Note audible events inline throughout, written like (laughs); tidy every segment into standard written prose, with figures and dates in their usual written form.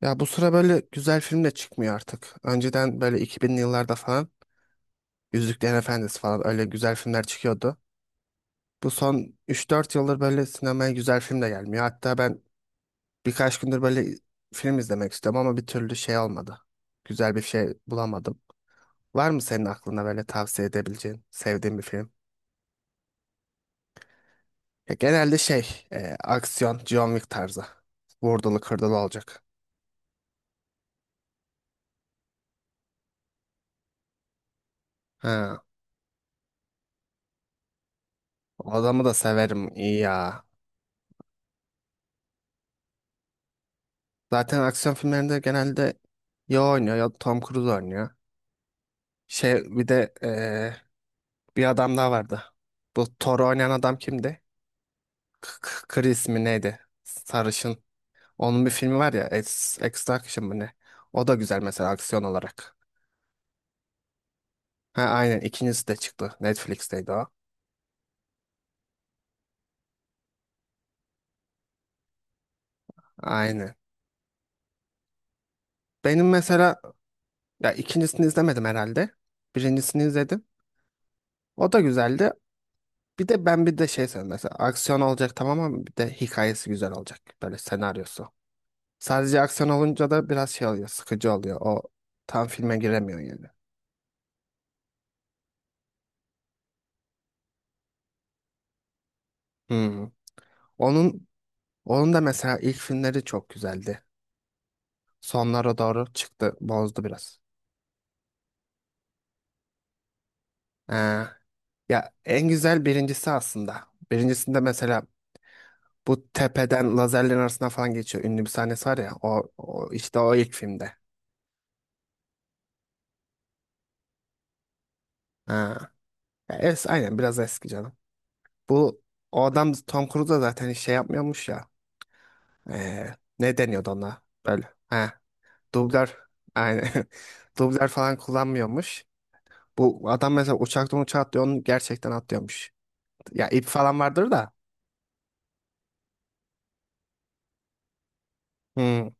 Ya bu sıra böyle güzel film de çıkmıyor artık. Önceden böyle 2000'li yıllarda falan Yüzüklerin Efendisi falan öyle güzel filmler çıkıyordu. Bu son 3-4 yıldır böyle sinemaya güzel film de gelmiyor. Hatta ben birkaç gündür böyle film izlemek istiyorum ama bir türlü şey olmadı. Güzel bir şey bulamadım. Var mı senin aklında böyle tavsiye edebileceğin, sevdiğin bir film? Ya genelde şey, aksiyon, John Wick tarzı. Vurdulu kırdılı olacak. Ha, o adamı da severim iyi ya. Zaten aksiyon filmlerinde genelde ya o oynuyor ya Tom Cruise oynuyor. Şey bir de bir adam daha vardı. Bu Thor oynayan adam kimdi? Chris mi neydi? Sarışın. Onun bir filmi var ya Extraction mı ne? O da güzel mesela aksiyon olarak. Ha, aynen, ikincisi de çıktı. Netflix'teydi o. Aynen. Benim mesela ya ikincisini izlemedim herhalde. Birincisini izledim. O da güzeldi. Bir de ben bir de şey seviyorum mesela aksiyon olacak tamam ama bir de hikayesi güzel olacak. Böyle senaryosu. Sadece aksiyon olunca da biraz şey oluyor, sıkıcı oluyor. O tam filme giremiyor yani. Hmm. Onun onun da mesela ilk filmleri çok güzeldi. Sonlara doğru çıktı, bozdu biraz. Ee, ya en güzel birincisi aslında. Birincisinde mesela bu tepeden lazerlerin arasına falan geçiyor. Ünlü bir sahnesi var ya. O işte o ilk filmde. Ha. Ya aynen biraz eski canım. Bu o adam Tom Cruise da zaten hiç şey yapmıyormuş ya. Ee, ne deniyordu ona? Böyle. He. Dublör aynen. (laughs) Dublör falan kullanmıyormuş. Bu adam mesela uçaktan uçağa atlıyor. Onu gerçekten atlıyormuş. Ya ip falan vardır da. Hmm.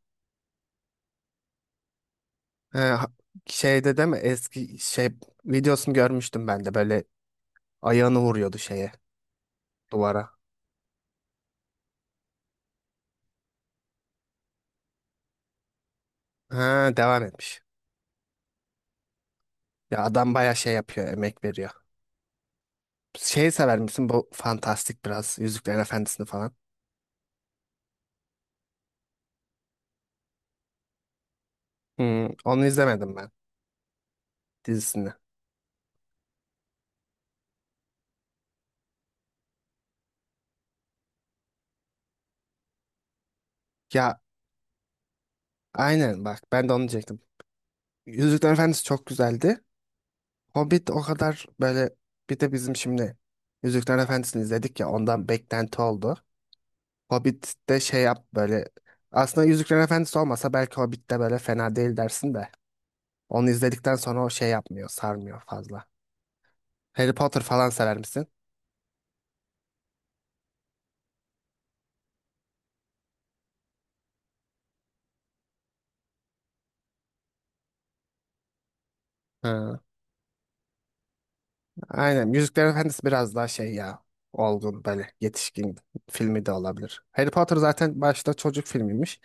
Ee, ha- şeyde değil mi? Eski şey videosunu görmüştüm ben de. Böyle ayağını vuruyordu şeye duvara. Ha, devam etmiş. Ya adam baya şey yapıyor. Emek veriyor. Şeyi sever misin? Bu fantastik biraz. Yüzüklerin Efendisi'ni falan. Hmm, onu izlemedim ben dizisini. Ya aynen bak ben de onu diyecektim. Yüzüklerin Efendisi çok güzeldi. Hobbit o kadar böyle bir de bizim şimdi Yüzüklerin Efendisi'ni izledik ya ondan beklenti oldu. Hobbit'te şey yap böyle aslında Yüzüklerin Efendisi olmasa belki Hobbit'te böyle fena değil dersin de onu izledikten sonra o şey yapmıyor, sarmıyor fazla. Harry Potter falan sever misin? Ha. Aynen. Yüzükler Efendisi biraz daha şey ya. Olgun böyle yetişkin filmi de olabilir. Harry Potter zaten başta çocuk filmiymiş.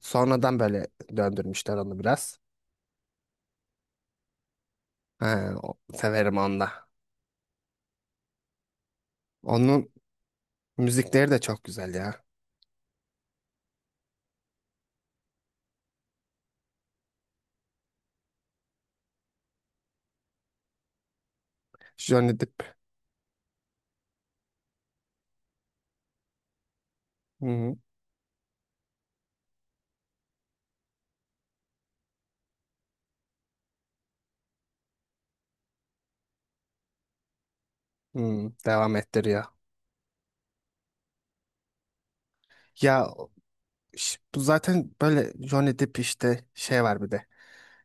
Sonradan böyle döndürmüşler onu biraz. Ha, severim onu da. Onun müzikleri de çok güzel ya. Johnny Depp, hı hı, hı, devam ettiriyor. Ya bu zaten böyle Johnny Depp işte şey var bir de.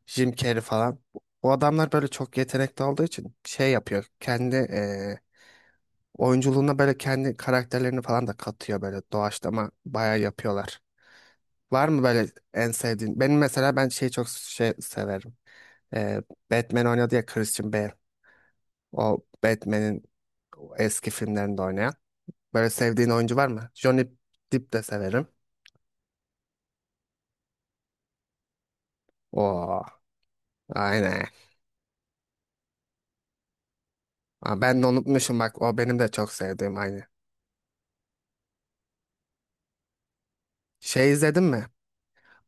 Jim Carrey falan. O adamlar böyle çok yetenekli olduğu için şey yapıyor. Kendi oyunculuğuna böyle kendi karakterlerini falan da katıyor, böyle doğaçlama bayağı yapıyorlar. Var mı böyle en sevdiğin? Benim mesela ben şeyi çok şey severim. Ee, Batman oynadı ya, Christian Bale. O Batman'in eski filmlerinde oynayan. Böyle sevdiğin oyuncu var mı? Johnny Depp de severim. Oo, aynen. Aa, ben de unutmuşum bak, o benim de çok sevdiğim aynı. Şey izledin mi?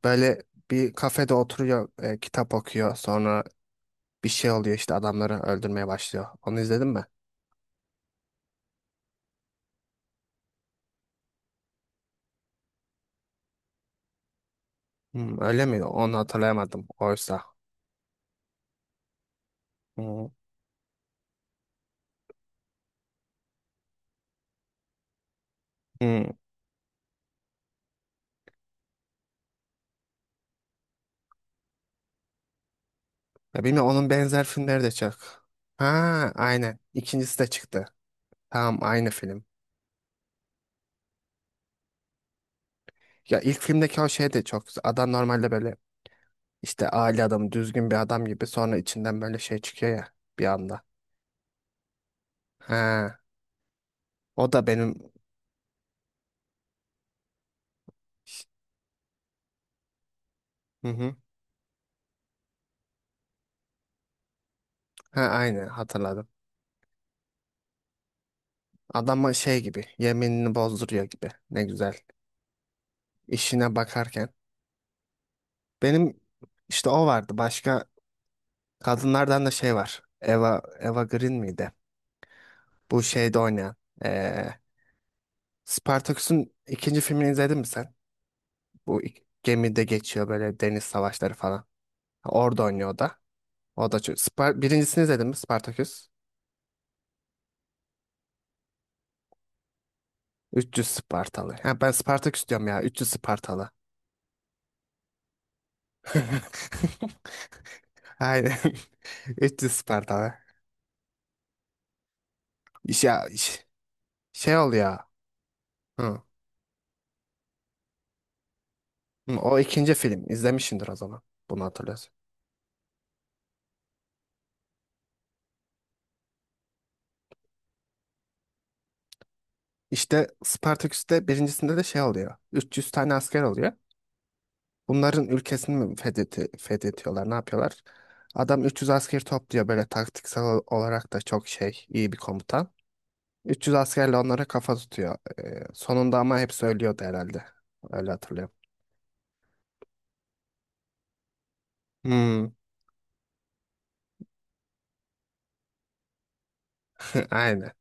Böyle bir kafede oturuyor, kitap okuyor. Sonra bir şey oluyor, işte adamları öldürmeye başlıyor. Onu izledin mi? Hmm, öyle mi? Onu hatırlayamadım oysa. Hmm, hmm. Ya bilmiyorum onun benzer filmleri de çık? Ha, aynen. İkincisi de çıktı. Tamam, aynı film. Ya ilk filmdeki o şey de çok güzel. Adam normalde böyle işte aile adamı, düzgün bir adam gibi, sonra içinden böyle şey çıkıyor ya bir anda. Ha, o da benim, hı hı. Ha, aynı hatırladım. Adama şey gibi yeminini bozduruyor gibi. Ne güzel. İşine bakarken. Benim işte o vardı. Başka kadınlardan da şey var. Eva Green miydi? Bu şeyde oynayan. Ee, Spartaküs'ün ikinci filmini izledin mi sen? Bu gemide geçiyor, böyle deniz savaşları falan. Orada oynuyor o da. O da çok. Birincisini izledin mi Spartaküs? 300 Spartalı. Ha, ben Spartaküs diyorum ya. 300 Spartalı. (laughs) Aynen. (laughs) 300 Spartalı. İş ya iş- şey oluyor. Hı. Hı, o ikinci film. İzlemişsindir o zaman. Bunu hatırlıyorsun. İşte Spartaküs'te birincisinde de şey oluyor. 300 tane asker oluyor. Bunların ülkesini mi fethetti, fethediyorlar, ne yapıyorlar? Adam 300 asker topluyor böyle taktiksel olarak da çok şey, iyi bir komutan. 300 askerle onlara kafa tutuyor. Sonunda ama hepsi ölüyordu herhalde. Öyle hatırlıyorum. Hmm, (laughs) aynen.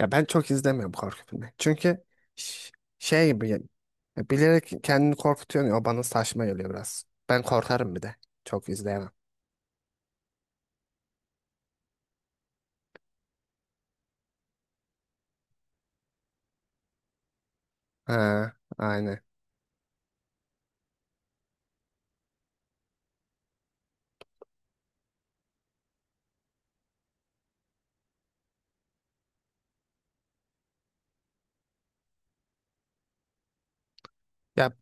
Ya ben çok izlemiyorum korku filmi. Çünkü ş- şey gibi ya, bilerek kendini korkutuyor ya, o bana saçma geliyor biraz. Ben korkarım bir de. Çok izleyemem. Ha, aynen. Ya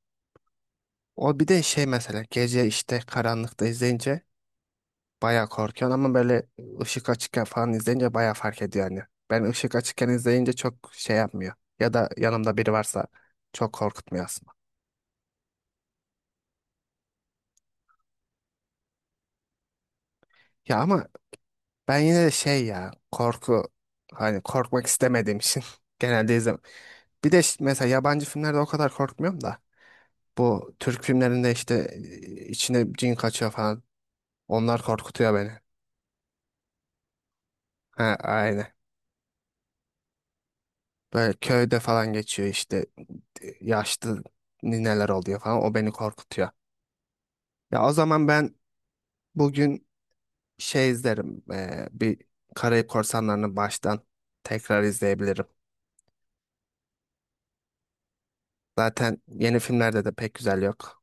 o bir de şey, mesela gece işte karanlıkta izleyince bayağı korkuyorsun ama böyle ışık açıkken falan izleyince bayağı fark ediyor yani. Ben ışık açıkken izleyince çok şey yapmıyor. Ya da yanımda biri varsa çok korkutmuyor aslında. Ya ama ben yine de şey ya, korku, hani korkmak istemediğim için (laughs) genelde izlem. Bir de mesela yabancı filmlerde o kadar korkmuyorum da bu Türk filmlerinde işte, içine cin kaçıyor falan, onlar korkutuyor beni. Ha, aynen. Böyle köyde falan geçiyor işte, yaşlı nineler oluyor falan. O beni korkutuyor. Ya o zaman ben bugün şey izlerim. Bir Karayip Korsanları'nı baştan tekrar izleyebilirim. Zaten yeni filmlerde de pek güzel yok.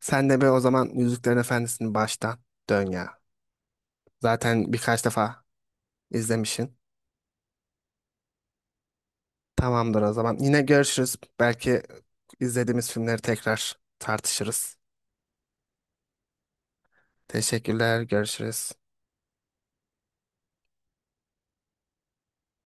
Sen de bir o zaman Yüzüklerin Efendisi'ni baştan dön ya. Zaten birkaç defa izlemişsin. Tamamdır o zaman. Yine görüşürüz. Belki izlediğimiz filmleri tekrar tartışırız. Teşekkürler. Görüşürüz.